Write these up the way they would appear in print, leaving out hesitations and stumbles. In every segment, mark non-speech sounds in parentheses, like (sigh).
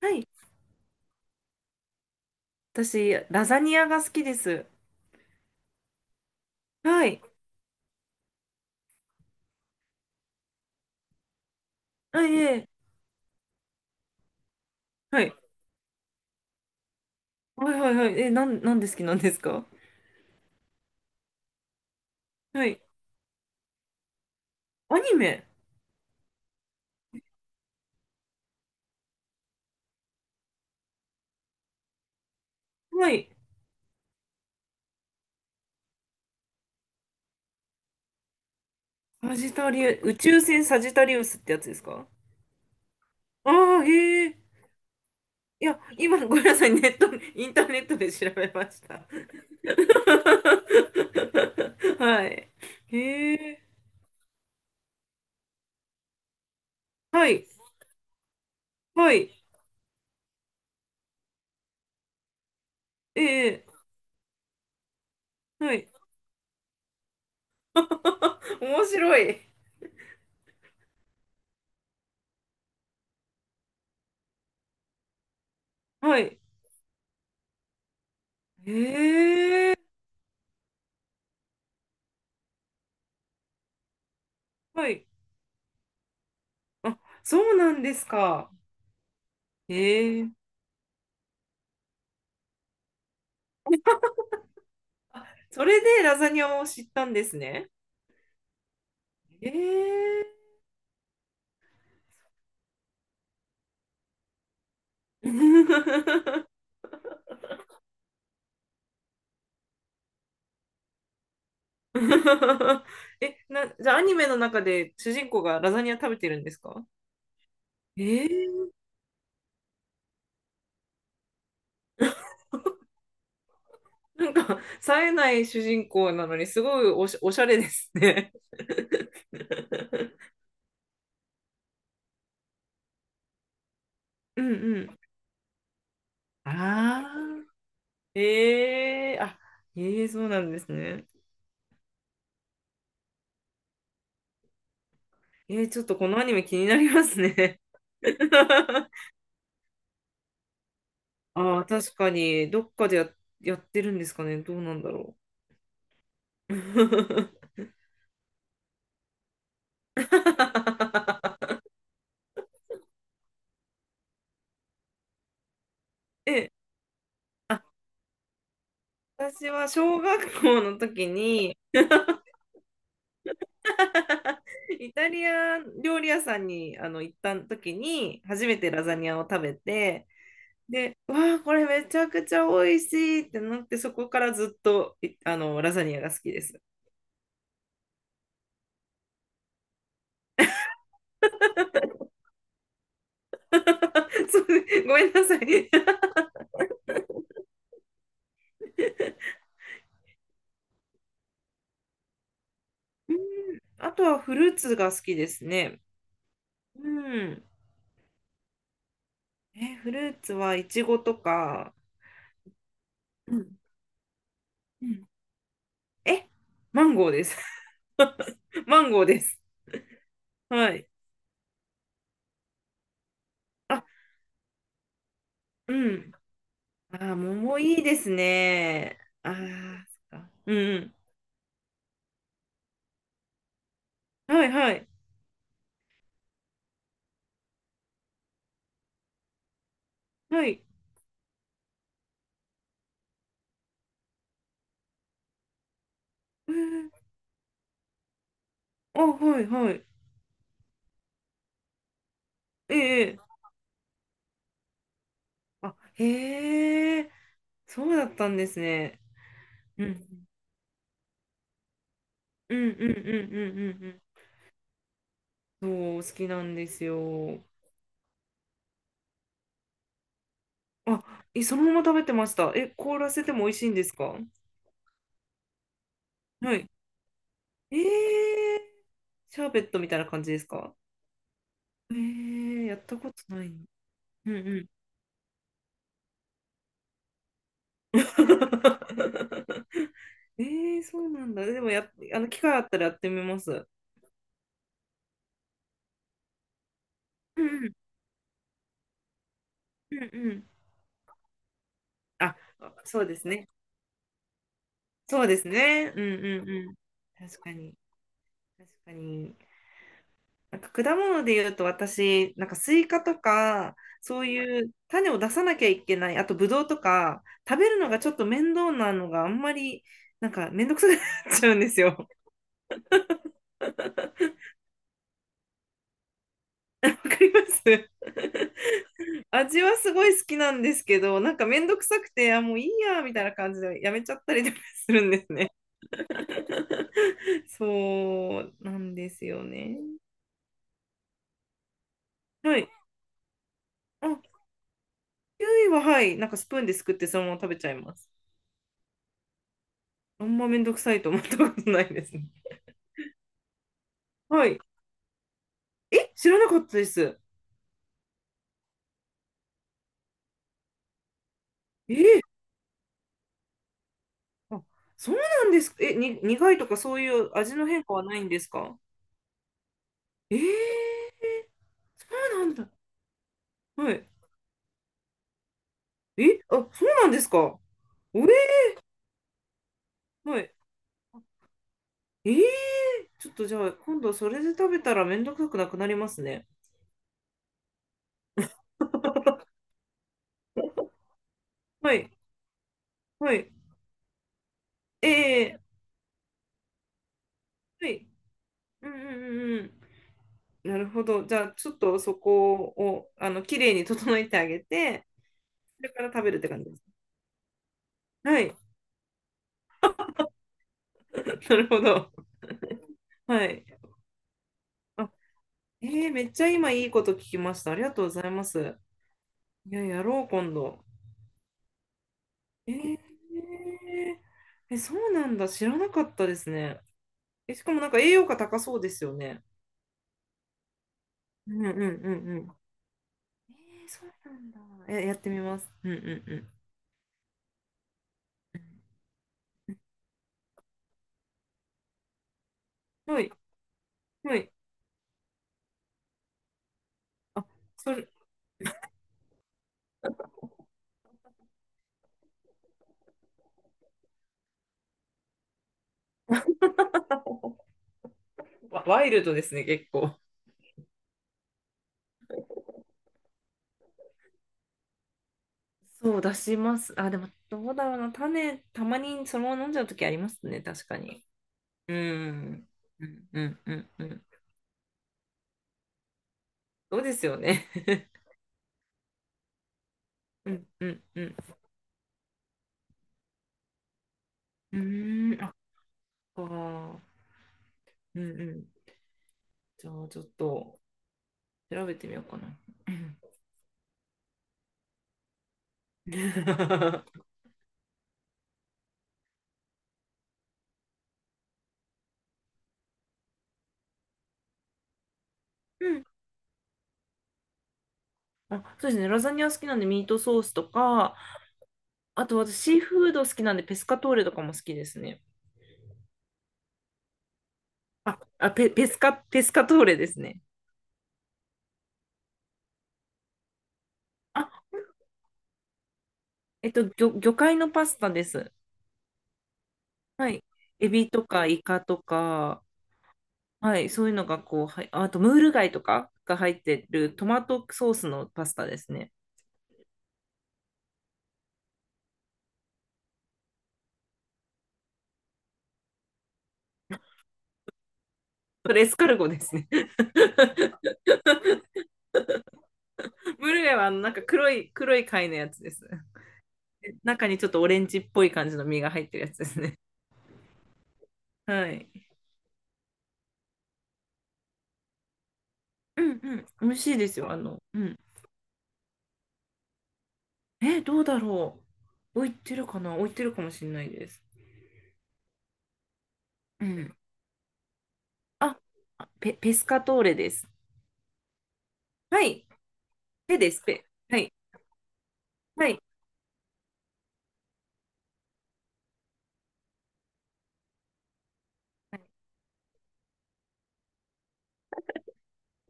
はい。私、ラザニアが好きです。はい。あ、いえ、はい。はいはいはい。え、なんで好きなんですか？はい。アニメ。はい。サジタリウ、宇宙船サジタリウスってやつですか？ああー、へえ。いや、今、ごめんなさい。ネット、インターネットで調べました。(laughs) はい。へえ。はい。はい。ええ。はい。(laughs) 面白い。はい。へえ。はい。あ、そうなんですか。ええ。それでラザニアを知ったんですね。ええ。 (laughs) え、じゃあアニメの中で主人公がラザニア食べてるんですか？ええ。なんか、冴えない主人公なのにすごいおしゃれですね。(laughs) うんうん。ああ、ええ、あ、ええ、そうなんですね。ええ、ちょっとこのアニメ気になりますね。(laughs) ああ、確かに、どっかでやってるんですかね。どうなんだろう。(laughs) え、あ、私は小学校の時に、(laughs) イタリア料理屋さんにあの行った時に、初めてラザニアを食べて、で、わあ、これめちゃくちゃ美味しいってなって、そこからずっと、あの、ラザニアが好きです。(laughs) そう、ごめんなさい。(laughs) あとはフルーツが好きですね。うん。え、フルーツはイチゴとか、うんうん、え、マンゴーです。(laughs) マンゴーです。はい。あ、うん。あー、桃いいですね。ああ、そっか。うんうん。はいはい。はい。うん、あ、はいはい。ええ。ええ、あ、へえ。そうだったんですね。うん。うんうんうんうんうんうん。そう、好きなんですよ。あ、え、そのまま食べてました。え、凍らせても美味しいんですか？はい。ええ。シャーベットみたいな感じですか？えー、やったことないの？うんうん。(laughs) えー、そうなんだ。でもあの、機会あったらやってみます。うんうんうんうん。あ、そうですね。そうですね。うんうんうん。確かに。確かに。なんか果物で言うと私、なんかスイカとか、そういう種を出さなきゃいけない、あとブドウとか、食べるのがちょっと面倒なのがあんまり、なんか面倒くさくなっちゃうんですよ。わかります。 (laughs) 味はすごい好きなんですけど、なんかめんどくさくて、あ、もういいや、みたいな感じでやめちゃったりとかするんですね。(laughs) そうなんですよね。はい。あ、キウイは、はい。なんかスプーンですくってそのまま食べちゃいます。あんまめんどくさいと思ったことないですね。はい。え、知らなかったです。えー、あ、そうなんですか。え、苦いとかそういう味の変化はないんですか？えー、そうなんだ。はい。え、あ、そうなんですか。おえ、はい。えー、ちょっとじゃあ、今度それで食べたらめんどくさくなくなりますね。はい、はい。ええ、はい。うんうんうんうん。なるほど。じゃあ、ちょっとそこを、あの、綺麗に整えてあげて、それから食べるって感じです。はい。(laughs) なるほど。はい。あ、えー、めっちゃ今いいこと聞きました。ありがとうございます。いや、やろう、今度。えー、え、そうなんだ。知らなかったですね。え、しかもなんか栄養価高そうですよね。うんうんうんうん。えー、そうなんだ。え、やってみます。うんうんうん。はい、はい。あ、それ、(laughs) ワイルドですね、結構。そう、出します。あ、でも、どうだろうな。種、たまにそのまま飲んじゃうときありますね、確かに。うん。うんうんうんうん。そうですよね。うんうんうん。うーん、あ、そっか。うんうん。じゃあ、ちょっと調べてみようかな。うん。 (laughs) うん、あ、そうですね。ラザニア好きなんでミートソースとか、あと私シーフード好きなんでペスカトーレとかも好きですね。あ、あ、ペスカトーレですね。あ、えっと、魚介のパスタです。はい。エビとかイカとか、はい、そういうのがこう、はい、あとムール貝とかが入ってるトマトソースのパスタですね。それエスカルゴですね。(laughs) ムール貝はあのなんか黒い貝のやつです。で中にちょっとオレンジっぽい感じの身が入ってるやつですね。はい。うんうん。美味しいですよ。あの、うん。え、どうだろう。置いてるかな？置いてるかもしれないです。うん。あ、ペスカトーレです。はい。ペです、ペ。はい。はい。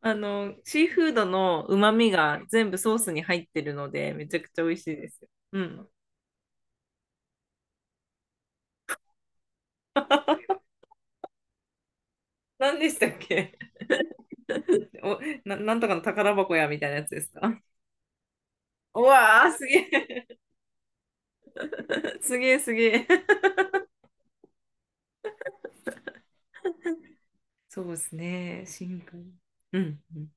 あの、シーフードの旨味が全部ソースに入ってるので、めちゃくちゃ美味しいです。うん。何でしたっけ？ (laughs) お、なんとかの宝箱やみたいなやつですか？ (laughs) うわー、すげえ。(laughs) すげえ、すげえ。そうですね。シンプル。うん。うん